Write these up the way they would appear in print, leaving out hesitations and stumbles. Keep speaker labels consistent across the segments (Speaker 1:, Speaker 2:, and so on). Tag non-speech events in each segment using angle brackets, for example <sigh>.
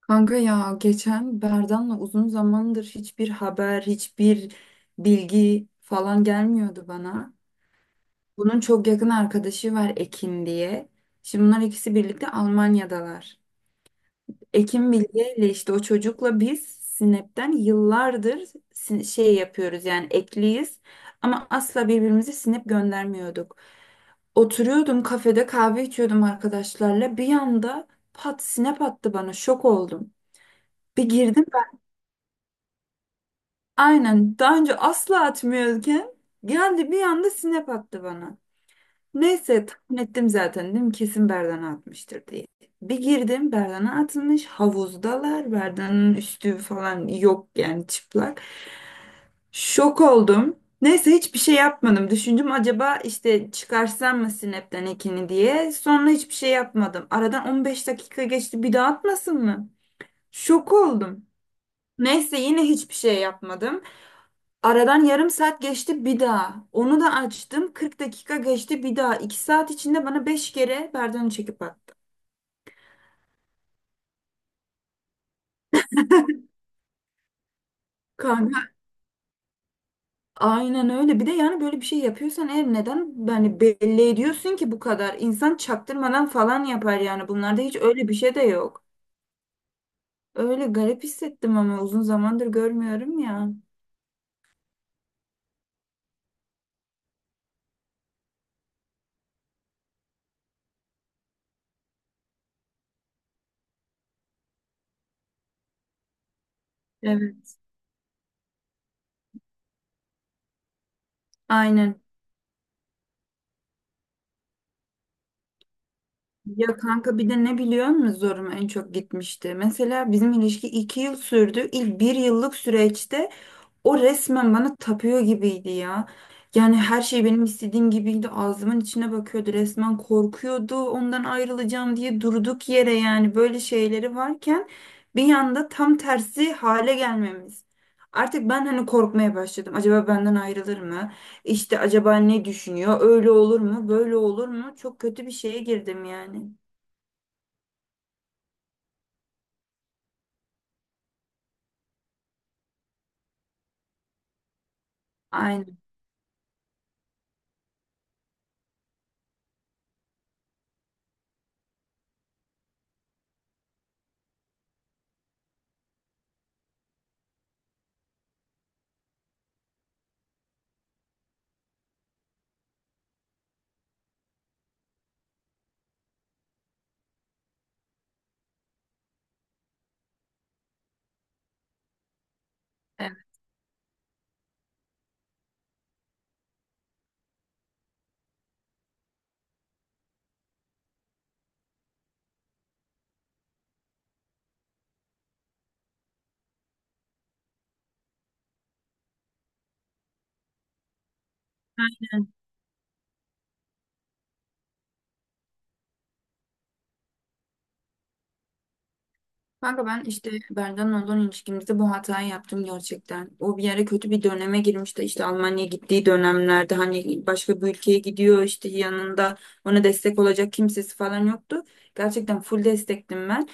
Speaker 1: Kanka ya geçen Berdan'la uzun zamandır hiçbir haber, hiçbir bilgi falan gelmiyordu bana. Bunun çok yakın arkadaşı var Ekin diye. Şimdi bunlar ikisi birlikte Almanya'dalar. Ekin Bilge ile işte o çocukla biz Snap'ten yıllardır şey yapıyoruz yani ekliyiz ama asla birbirimize Snap göndermiyorduk. Oturuyordum kafede kahve içiyordum arkadaşlarla bir anda pat Snap attı bana, şok oldum. Bir girdim. Aynen, daha önce asla atmıyorken geldi bir anda snap attı bana. Neyse tahmin ettim zaten, dedim kesin Berdan'a atmıştır diye. Bir girdim Berdan'a atılmış, havuzdalar, Berdan'ın üstü falan yok yani, çıplak. Şok oldum. Neyse hiçbir şey yapmadım. Düşündüm acaba işte çıkarsam mı Snap'ten ekini diye. Sonra hiçbir şey yapmadım. Aradan 15 dakika geçti, bir daha atmasın mı? Şok oldum. Neyse yine hiçbir şey yapmadım. Aradan yarım saat geçti bir daha. Onu da açtım. 40 dakika geçti bir daha. 2 saat içinde bana 5 kere Berdan'ı çekip attı. Kanka aynen öyle. Bir de yani böyle bir şey yapıyorsan eğer neden yani belli ediyorsun ki bu kadar? İnsan çaktırmadan falan yapar yani. Bunlarda hiç öyle bir şey de yok. Öyle garip hissettim ama uzun zamandır görmüyorum ya. Evet. Aynen. Ya kanka bir de ne biliyor musun zoruma en çok gitmişti? Mesela bizim ilişki 2 yıl sürdü. İlk bir yıllık süreçte o resmen bana tapıyor gibiydi ya. Yani her şey benim istediğim gibiydi. Ağzımın içine bakıyordu. Resmen korkuyordu ondan, ayrılacağım diye, durduk yere yani, böyle şeyleri varken bir anda tam tersi hale gelmemiz. Artık ben hani korkmaya başladım. Acaba benden ayrılır mı? İşte acaba ne düşünüyor? Öyle olur mu? Böyle olur mu? Çok kötü bir şeye girdim yani. Aynen. Evet. Kanka ben işte Berdan'la olan ilişkimizde bu hatayı yaptım gerçekten. O bir yere, kötü bir döneme girmişti. İşte Almanya'ya gittiği dönemlerde, hani başka bir ülkeye gidiyor, işte yanında ona destek olacak kimsesi falan yoktu. Gerçekten full destektim ben.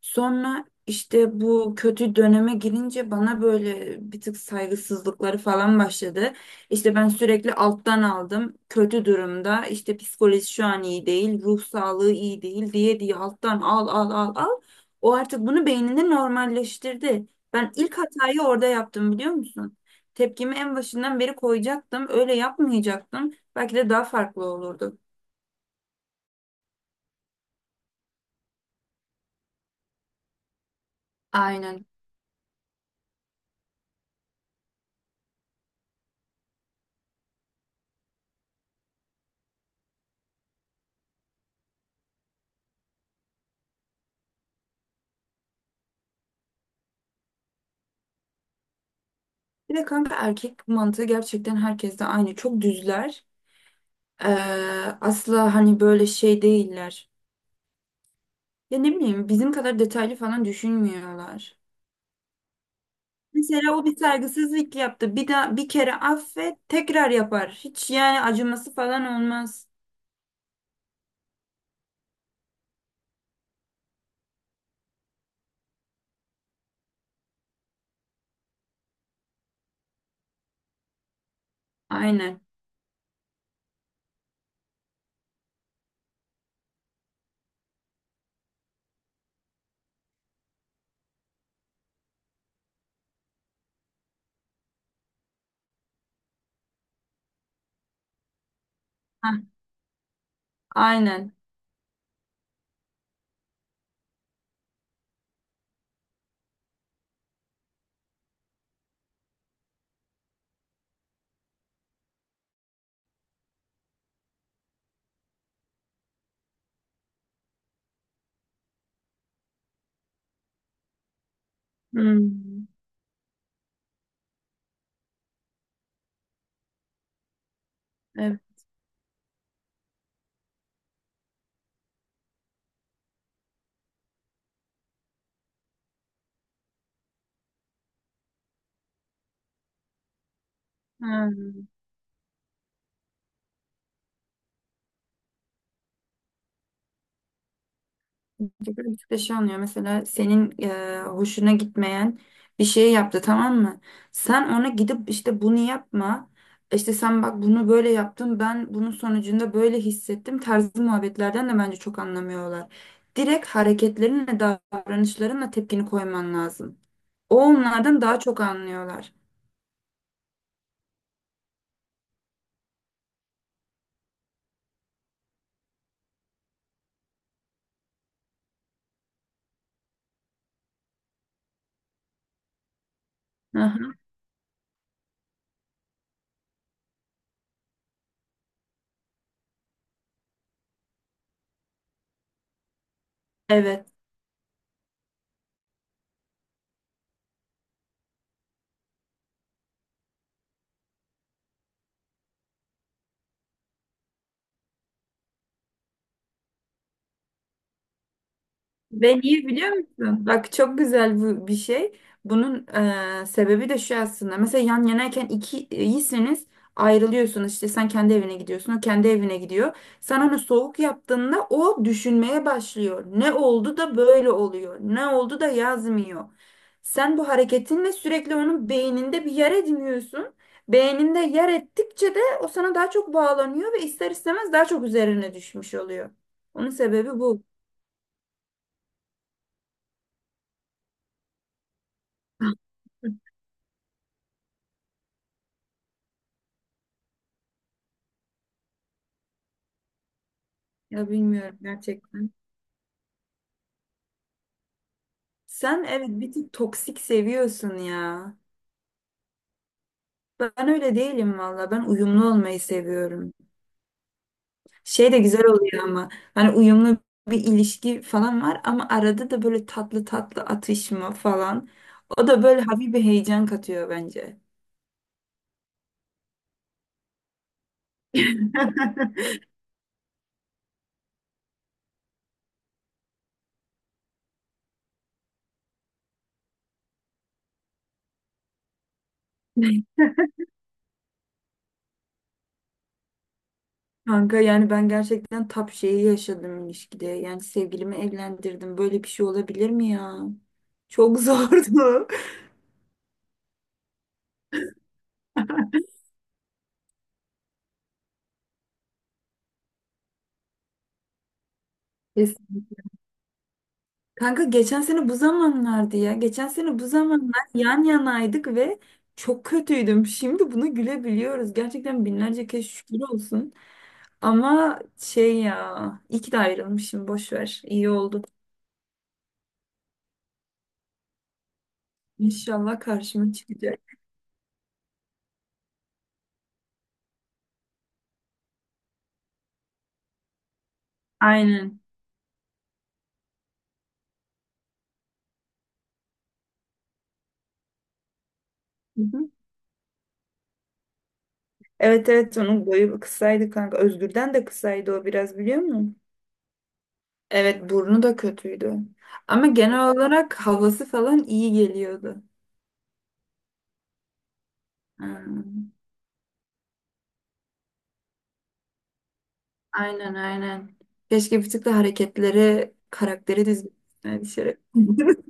Speaker 1: Sonra işte bu kötü döneme girince bana böyle bir tık saygısızlıkları falan başladı. İşte ben sürekli alttan aldım. Kötü durumda, işte psikoloji şu an iyi değil, ruh sağlığı iyi değil, diye diye alttan al al al al. O artık bunu beyninde normalleştirdi. Ben ilk hatayı orada yaptım, biliyor musun? Tepkimi en başından beri koyacaktım. Öyle yapmayacaktım. Belki de daha farklı olurdu. Aynen. Bir de kanka erkek mantığı gerçekten herkeste aynı. Çok düzler. Ee, asla hani böyle şey değiller. Ya ne bileyim, bizim kadar detaylı falan düşünmüyorlar. Mesela o bir saygısızlık yaptı. Bir daha bir kere affet, tekrar yapar. Hiç yani acıması falan olmaz. Aynen. Hah, aynen. Hmm, evet. Ha, böyle bir şey oluyor. Mesela senin hoşuna gitmeyen bir şey yaptı, tamam mı? Sen ona gidip işte "bunu yapma. İşte sen bak, bunu böyle yaptın. Ben bunun sonucunda böyle hissettim." Tarzı muhabbetlerden de bence çok anlamıyorlar. Direkt hareketlerinle, davranışlarınla tepkini koyman lazım. O onlardan daha çok anlıyorlar. Aha, evet. Ben iyi biliyor musun? Bak çok güzel bu bir şey. Bunun sebebi de şu aslında. Mesela yan yanayken iki iyisiniz, ayrılıyorsunuz. İşte sen kendi evine gidiyorsun, o kendi evine gidiyor. Sen onu soğuk yaptığında o düşünmeye başlıyor. Ne oldu da böyle oluyor? Ne oldu da yazmıyor? Sen bu hareketinle sürekli onun beyninde bir yer ediniyorsun. Beyninde yer ettikçe de o sana daha çok bağlanıyor ve ister istemez daha çok üzerine düşmüş oluyor. Onun sebebi bu. Ya bilmiyorum gerçekten. Sen evet bir tık toksik seviyorsun ya. Ben öyle değilim valla. Ben uyumlu olmayı seviyorum. Şey de güzel oluyor ama. Hani uyumlu bir ilişki falan var ama arada da böyle tatlı tatlı atışma falan. O da böyle hafif bir heyecan katıyor bence. <laughs> Kanka yani ben gerçekten tap şeyi yaşadım ilişkide. Yani sevgilimi evlendirdim. Böyle bir şey olabilir mi ya? Çok zordu. <laughs> Kesinlikle. Kanka geçen sene bu zamanlardı ya. Geçen sene bu zamanlar yan yanaydık ve çok kötüydüm. Şimdi bunu gülebiliyoruz. Gerçekten binlerce kez şükür olsun. Ama şey ya, iyi ki de ayrılmışım. Boş ver. İyi oldu. İnşallah karşıma çıkacak. Aynen. Hı hı. Evet evet, onun boyu kısaydı kanka. Özgür'den de kısaydı o biraz, biliyor musun? Evet, burnu da kötüydü. Ama genel olarak havası falan iyi geliyordu. Ha. Aynen aynen. Keşke bir tık da hareketleri, karakteri dizmesine dışarı. <laughs>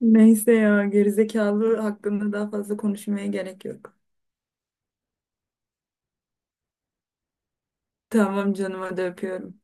Speaker 1: Neyse ya, gerizekalı hakkında daha fazla konuşmaya gerek yok. Tamam canım, hadi öpüyorum.